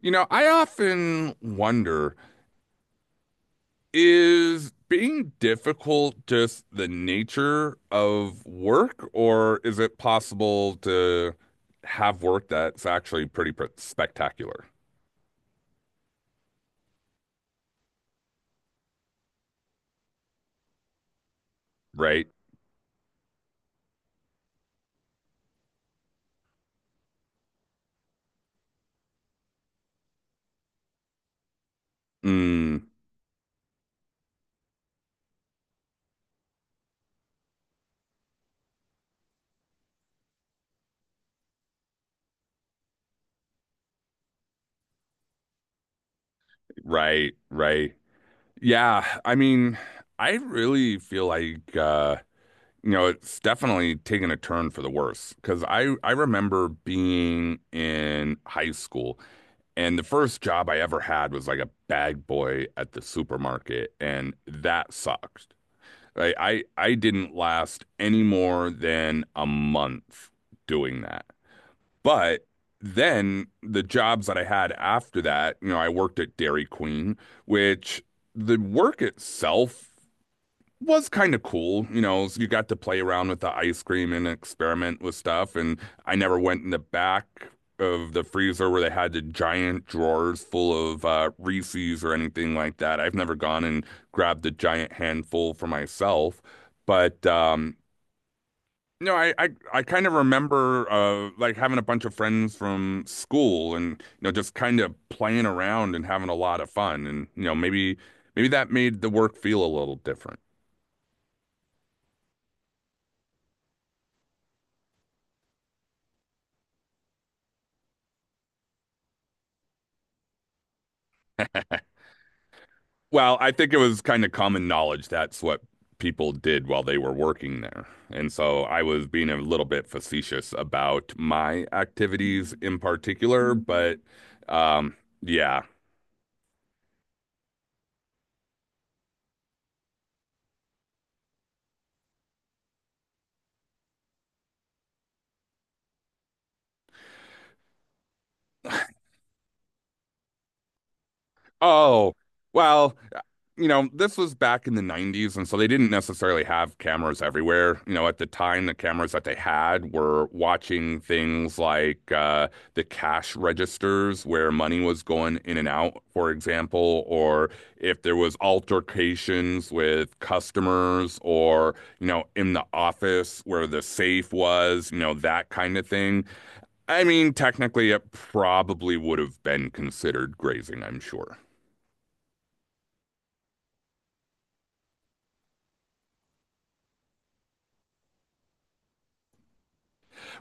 You know, I often wonder, is being difficult just the nature of work, or is it possible to have work that's actually pretty pr spectacular, right? Mm, right, right. Yeah, I mean, I really feel like it's definitely taken a turn for the worse because I remember being in high school. And the first job I ever had was like a bag boy at the supermarket, and that sucked. Like I didn't last any more than a month doing that. But then the jobs that I had after that, you know, I worked at Dairy Queen, which the work itself was kind of cool, you know, so you got to play around with the ice cream and experiment with stuff. And I never went in the back of the freezer where they had the giant drawers full of Reese's or anything like that. I've never gone and grabbed a giant handful for myself. But no, I kind of remember like having a bunch of friends from school and just kind of playing around and having a lot of fun. And maybe maybe that made the work feel a little different. Well, I think it was kind of common knowledge that's what people did while they were working there. And so I was being a little bit facetious about my activities in particular, but um, yeah. Oh, well, you know, this was back in the 90s, and so they didn't necessarily have cameras everywhere. You know, at the time, the cameras that they had were watching things like the cash registers where money was going in and out, for example, or if there was altercations with customers or, you know, in the office where the safe was, you know, that kind of thing. I mean, technically, it probably would have been considered grazing, I'm sure.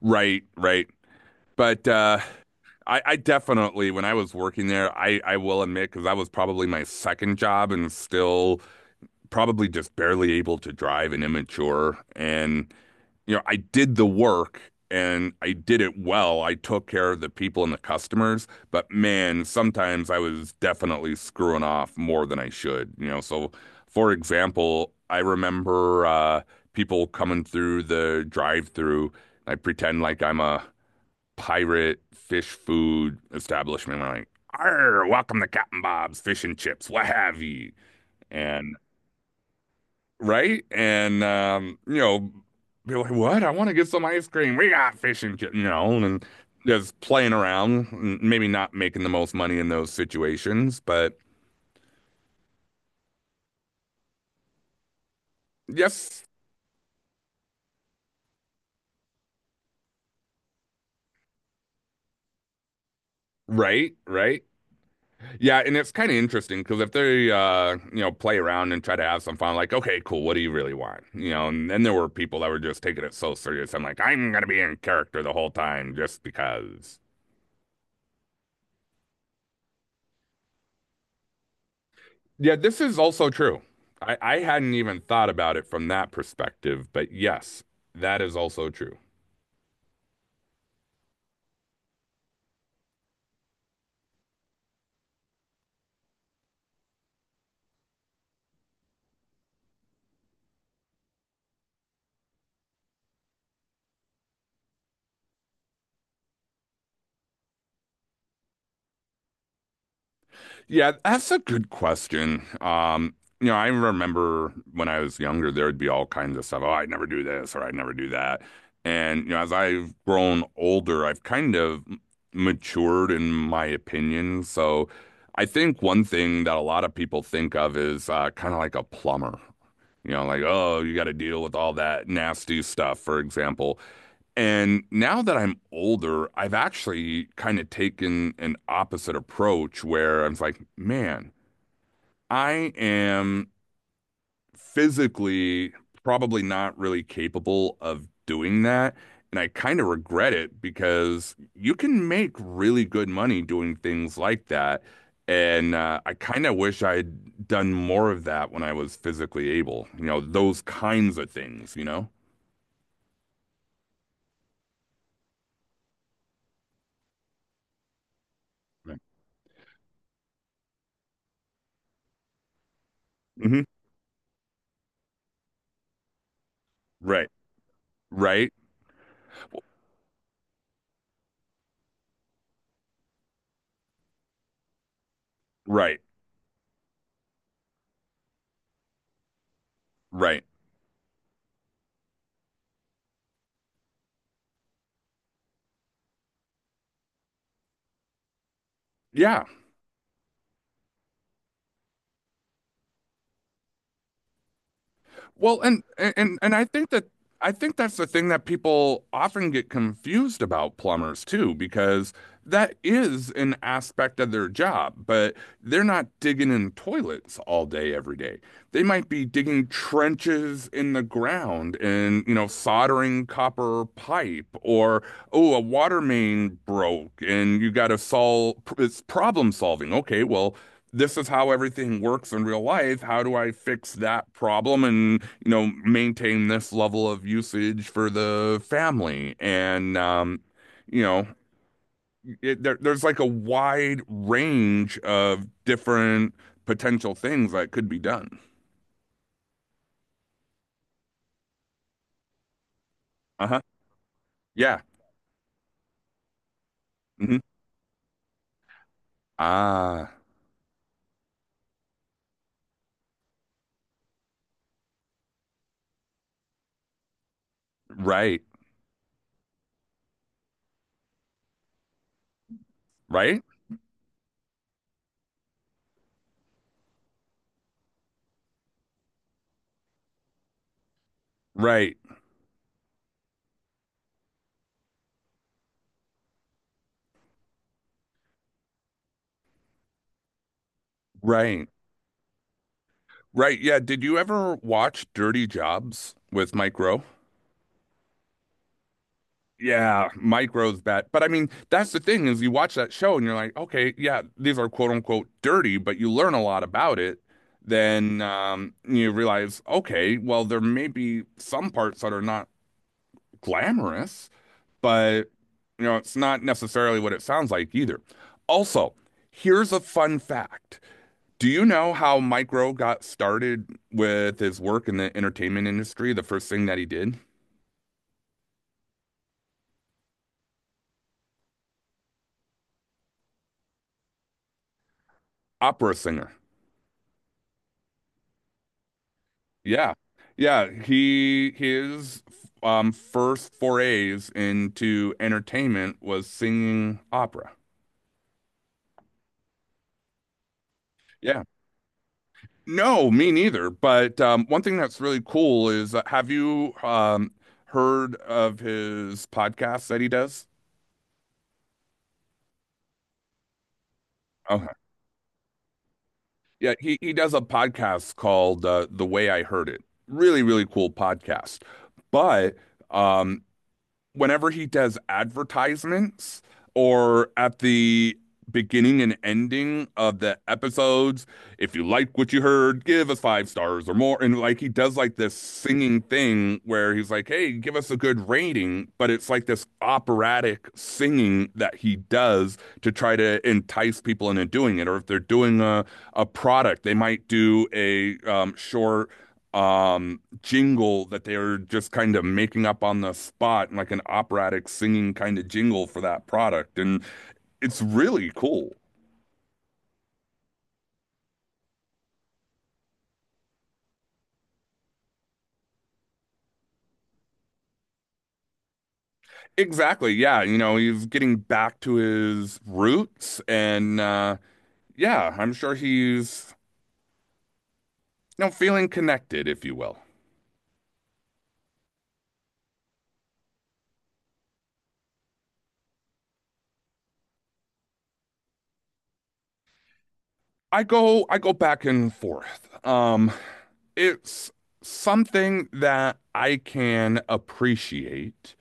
Right, right. But I definitely, when I was working there, I will admit, because that was probably my second job and still probably just barely able to drive and immature. And, you know, I did the work and I did it well. I took care of the people and the customers, but man, sometimes I was definitely screwing off more than I should, you know. So, for example, I remember people coming through the drive-through. I pretend like I'm a pirate fish food establishment. We're like, arr, welcome to Captain Bob's Fish and Chips, what have you. And right? And you know, be like, what? I want to get some ice cream. We got fish and chips, you know, and just playing around, maybe not making the most money in those situations, but yes, right, right. Yeah, and it's kind of interesting because if they, you know, play around and try to have some fun, like, okay, cool, what do you really want? You know, and then there were people that were just taking it so serious. I'm like, I'm gonna be in character the whole time just because. Yeah, this is also true. I hadn't even thought about it from that perspective, but yes, that is also true. Yeah, that's a good question. You know, I remember when I was younger, there would be all kinds of stuff. Oh, I'd never do this or I'd never do that. And, you know, as I've grown older, I've kind of matured in my opinion. So I think one thing that a lot of people think of is kind of like a plumber. You know, like, oh, you got to deal with all that nasty stuff, for example. And now that I'm older, I've actually kind of taken an opposite approach where I'm like, man, I am physically probably not really capable of doing that. And I kind of regret it because you can make really good money doing things like that. And I kind of wish I'd done more of that when I was physically able, you know, those kinds of things, you know? Right. Hmm. Right. Right. Right. Right. Yeah. Well, and I think that I think that's the thing that people often get confused about plumbers too, because that is an aspect of their job, but they're not digging in toilets all day every day. They might be digging trenches in the ground and, you know, soldering copper pipe or oh, a water main broke and you got to solve it's problem solving. Okay, well, this is how everything works in real life. How do I fix that problem and you know, maintain this level of usage for the family. And, you know, there's like a wide range of different potential things that could be done. Uh-huh. Yeah. Hmm. Ah, right. Right. Right. Right. Right. Yeah. Did you ever watch Dirty Jobs with Mike Rowe? Yeah, micros bad. But I mean, that's the thing is you watch that show and you're like, okay, yeah, these are quote unquote dirty, but you learn a lot about it. Then you realize, okay, well, there may be some parts that are not glamorous, but you know, it's not necessarily what it sounds like either. Also, here's a fun fact. Do you know how Micro got started with his work in the entertainment industry? The first thing that he did? Opera singer. Yeah. Yeah, he his first forays into entertainment was singing opera. Yeah. No, me neither. But one thing that's really cool is have you heard of his podcast that he does? Okay. Yeah, he does a podcast called The Way I Heard It. Really, really cool podcast. But um whenever he does advertisements or at the beginning and ending of the episodes, if you like what you heard, give us five stars or more. And like he does like this singing thing where he's like, hey, give us a good rating. But it's like this operatic singing that he does to try to entice people into doing it. Or if they're doing a product, they might do a short jingle that they are just kind of making up on the spot and like an operatic singing kind of jingle for that product and it's really cool exactly yeah you know he's getting back to his roots and yeah I'm sure he's you know feeling connected if you will. I go back and forth it's something that I can appreciate.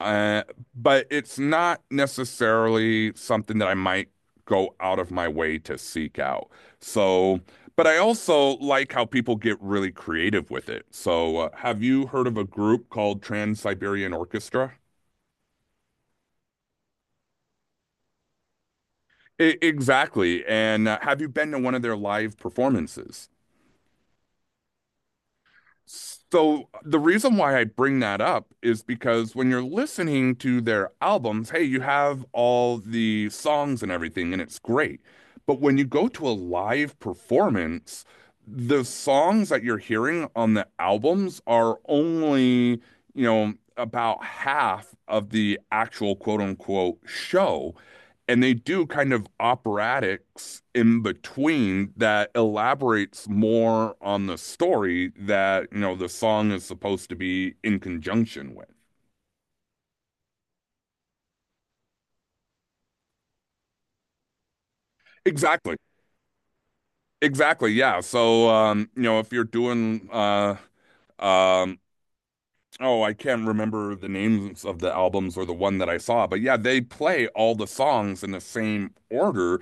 Uh, but it's not necessarily something that I might go out of my way to seek out. So, but I also like how people get really creative with it. So, have you heard of a group called Trans-Siberian Orchestra? I exactly. And have you been to one of their live performances? So the reason why I bring that up is because when you're listening to their albums, hey, you have all the songs and everything, and it's great. But when you go to a live performance, the songs that you're hearing on the albums are only, you know, about half of the actual quote unquote show and they do kind of operatics in between that elaborates more on the story that you know the song is supposed to be in conjunction with exactly exactly yeah so you know if you're doing um oh I can't remember the names of the albums or the one that I saw but yeah they play all the songs in the same order.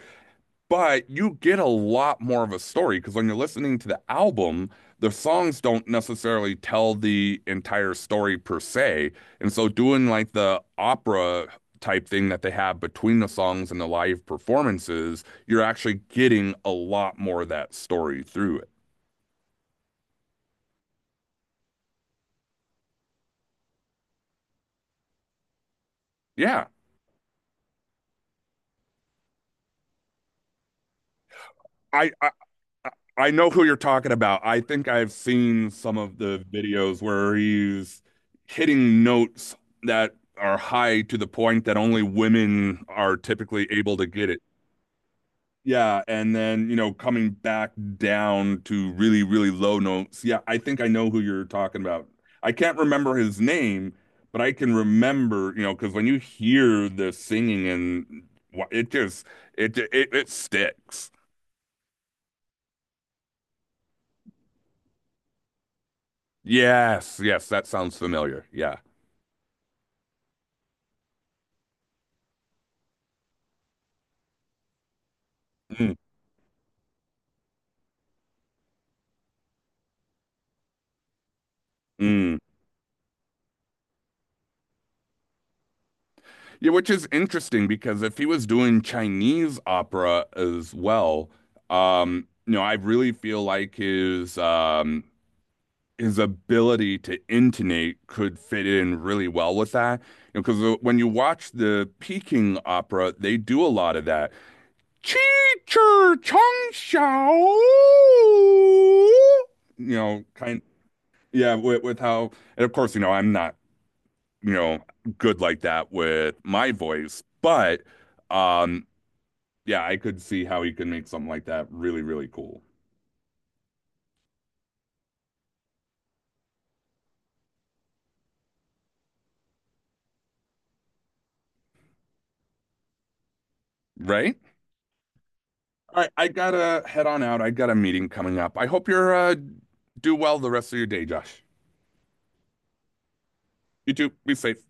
But you get a lot more of a story because when you're listening to the album, the songs don't necessarily tell the entire story per se. And so doing like the opera type thing that they have between the songs and the live performances, you're actually getting a lot more of that story through it. Yeah. I, I I know who you're talking about. I think I've seen some of the videos where he's hitting notes that are high to the point that only women are typically able to get it. Yeah, and then, you know, coming back down to really, really low notes. Yeah, I think I know who you're talking about. I can't remember his name, but I can remember, you know, because when you hear the singing and it just it sticks. Yes, yes, that sounds familiar. Yeah. Mm, mm. Yeah, which is interesting because if he was doing Chinese opera as well, you know, I really feel like his ability to intonate could fit in really well with that. You know, because when you watch the Peking opera, they do a lot of that. Chi chir chong xiao. You know, kind yeah, with how, and of course, you know, I'm not you know, good like that with my voice. But um, yeah, I could see how he could make something like that really, really cool. Right? All right, I gotta head on out. I got a meeting coming up. I hope you're do well the rest of your day, Josh. You too. Be safe.